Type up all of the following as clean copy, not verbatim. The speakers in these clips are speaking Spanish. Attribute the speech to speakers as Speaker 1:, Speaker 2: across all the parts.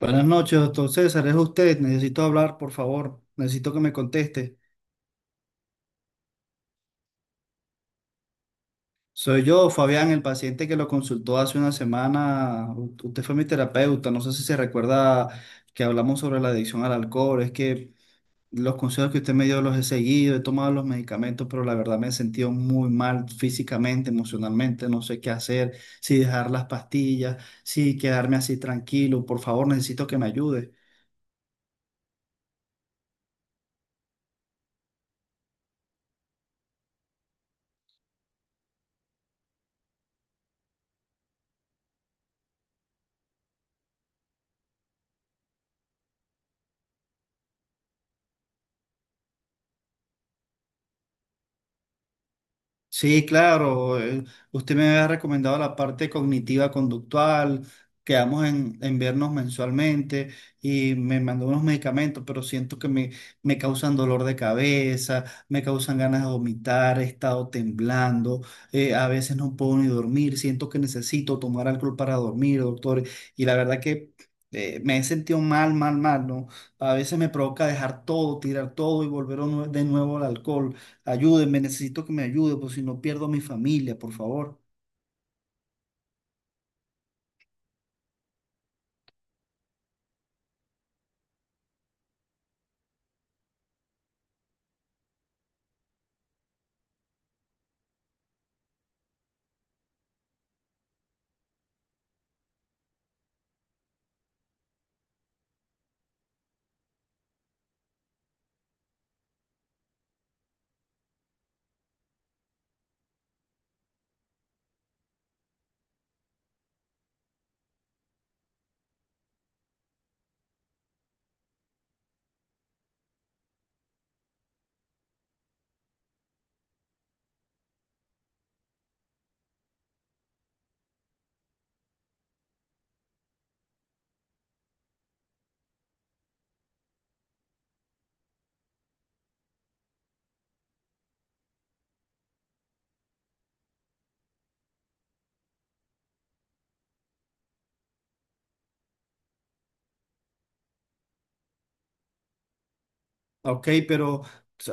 Speaker 1: Buenas noches, doctor César. Es usted. Necesito hablar, por favor. Necesito que me conteste. Soy yo, Fabián, el paciente que lo consultó hace una semana. Usted fue mi terapeuta. No sé si se recuerda que hablamos sobre la adicción al alcohol. Es que los consejos que usted me dio los he seguido, he tomado los medicamentos, pero la verdad me he sentido muy mal físicamente, emocionalmente. No sé qué hacer, si dejar las pastillas, si quedarme así tranquilo. Por favor, necesito que me ayude. Sí, claro. Usted me había recomendado la parte cognitiva conductual. Quedamos en vernos mensualmente y me mandó unos medicamentos, pero siento que me causan dolor de cabeza, me causan ganas de vomitar, he estado temblando, a veces no puedo ni dormir, siento que necesito tomar alcohol para dormir, doctor. Y la verdad que me he sentido mal, mal, mal, ¿no? A veces me provoca dejar todo, tirar todo y volver a de nuevo al alcohol. Ayúdenme, necesito que me ayude, por si no pierdo a mi familia, por favor. Ok, pero,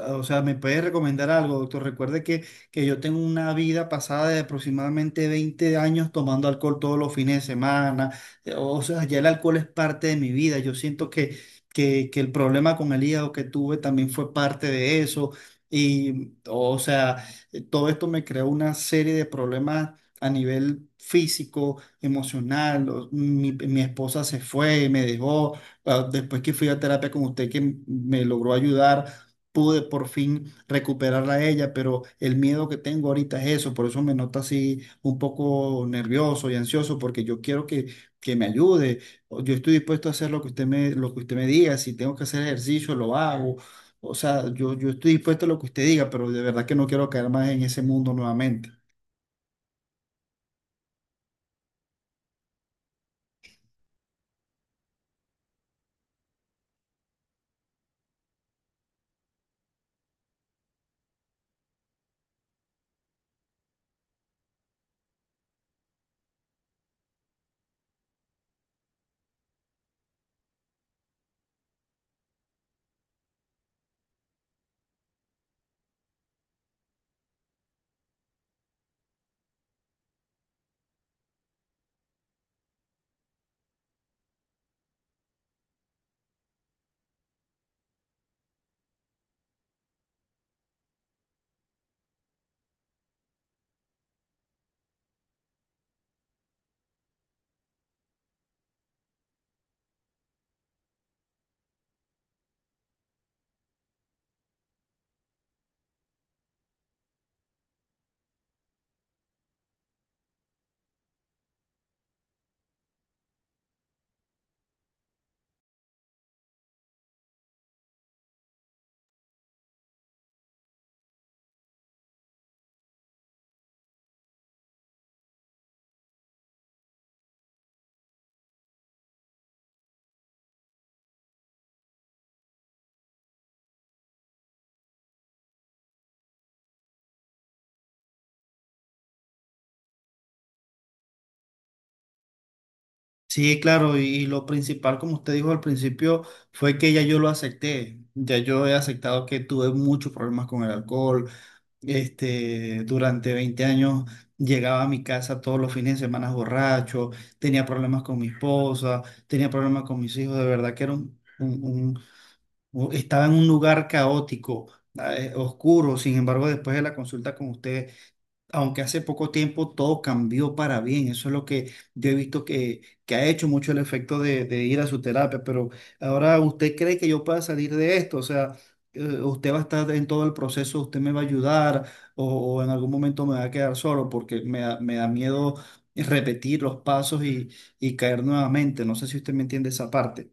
Speaker 1: o sea, ¿me puede recomendar algo, doctor? Recuerde que yo tengo una vida pasada de aproximadamente 20 años tomando alcohol todos los fines de semana. O sea, ya el alcohol es parte de mi vida. Yo siento que el problema con el hígado que tuve también fue parte de eso. Y, o sea, todo esto me creó una serie de problemas a nivel físico, emocional. Mi esposa se fue, me dejó ah, después que fui a terapia con usted que me logró ayudar, pude por fin recuperarla a ella, pero el miedo que tengo ahorita es eso, por eso me noto así un poco nervioso y ansioso, porque yo quiero que me ayude. Yo estoy dispuesto a hacer lo que lo que usted me diga, si tengo que hacer ejercicio, lo hago. O sea, yo estoy dispuesto a lo que usted diga, pero de verdad que no quiero caer más en ese mundo nuevamente. Sí, claro, y lo principal, como usted dijo al principio, fue que ya yo lo acepté. Ya yo he aceptado que tuve muchos problemas con el alcohol. Este, durante 20 años llegaba a mi casa todos los fines de semana borracho, tenía problemas con mi esposa, tenía problemas con mis hijos. De verdad que era estaba en un lugar caótico, oscuro. Sin embargo, después de la consulta con usted, aunque hace poco tiempo todo cambió para bien. Eso es lo que yo he visto que ha hecho mucho el efecto de ir a su terapia. Pero ahora, ¿usted cree que yo pueda salir de esto? O sea, ¿usted va a estar en todo el proceso? ¿Usted me va a ayudar? O en algún momento me va a quedar solo? Porque me da miedo repetir los pasos y caer nuevamente. No sé si usted me entiende esa parte.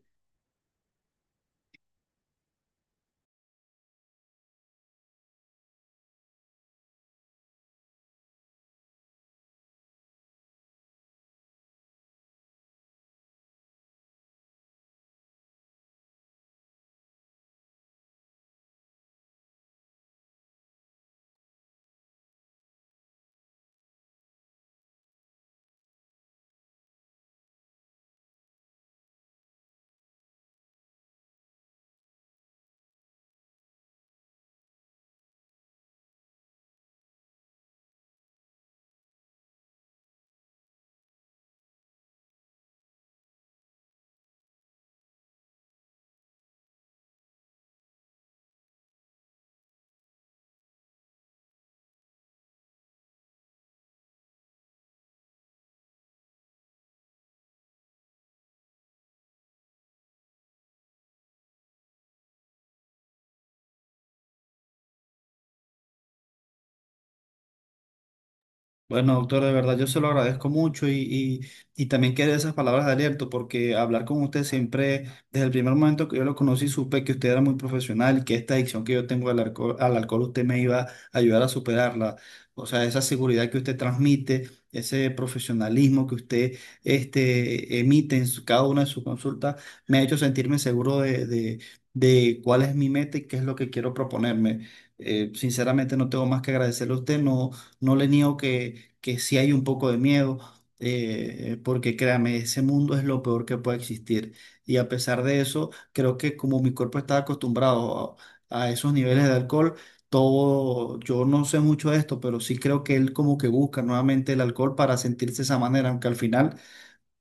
Speaker 1: Bueno, doctor, de verdad yo se lo agradezco mucho y también quiero esas palabras de aliento porque hablar con usted siempre, desde el primer momento que yo lo conocí, supe que usted era muy profesional y que esta adicción que yo tengo al alcohol usted me iba a ayudar a superarla. O sea, esa seguridad que usted transmite, ese profesionalismo que usted este, emite en cada una de sus consultas, me ha hecho sentirme seguro de cuál es mi meta y qué es lo que quiero proponerme. Sinceramente no tengo más que agradecerle a usted, no, no le niego que sí hay un poco de miedo, porque créame, ese mundo es lo peor que puede existir. Y a pesar de eso, creo que como mi cuerpo está acostumbrado a esos niveles de alcohol, todo, yo no sé mucho de esto, pero sí creo que él como que busca nuevamente el alcohol para sentirse de esa manera, aunque al final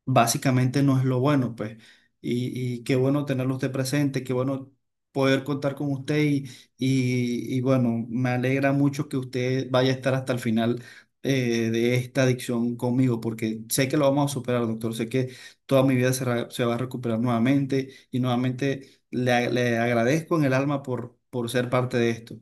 Speaker 1: básicamente no es lo bueno, pues. Y qué bueno tenerlo usted presente, qué bueno poder contar con usted y bueno, me alegra mucho que usted vaya a estar hasta el final de esta adicción conmigo, porque sé que lo vamos a superar, doctor, sé que toda mi vida se, se va a recuperar nuevamente y nuevamente le agradezco en el alma por ser parte de esto.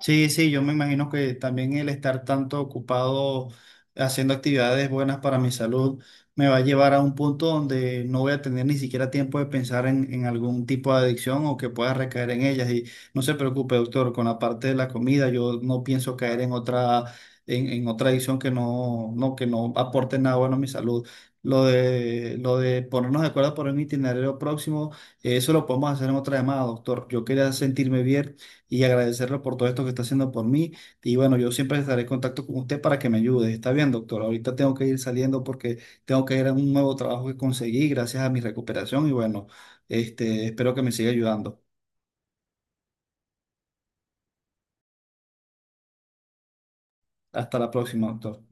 Speaker 1: Sí, sí, yo me imagino que también el estar tanto ocupado haciendo actividades buenas para mi salud me va a llevar a un punto donde no voy a tener ni siquiera tiempo de pensar en algún tipo de adicción o que pueda recaer en ellas. Y no se preocupe, doctor, con la parte de la comida, yo no pienso caer en otra, en otra adicción que no, no, que no aporte nada bueno a mi salud. Lo de ponernos de acuerdo por un itinerario próximo, eso lo podemos hacer en otra llamada, doctor. Yo quería sentirme bien y agradecerle por todo esto que está haciendo por mí. Y bueno, yo siempre estaré en contacto con usted para que me ayude. Está bien, doctor. Ahorita tengo que ir saliendo porque tengo que ir a un nuevo trabajo que conseguí gracias a mi recuperación y bueno, este, espero que me siga ayudando. Hasta la próxima, doctor.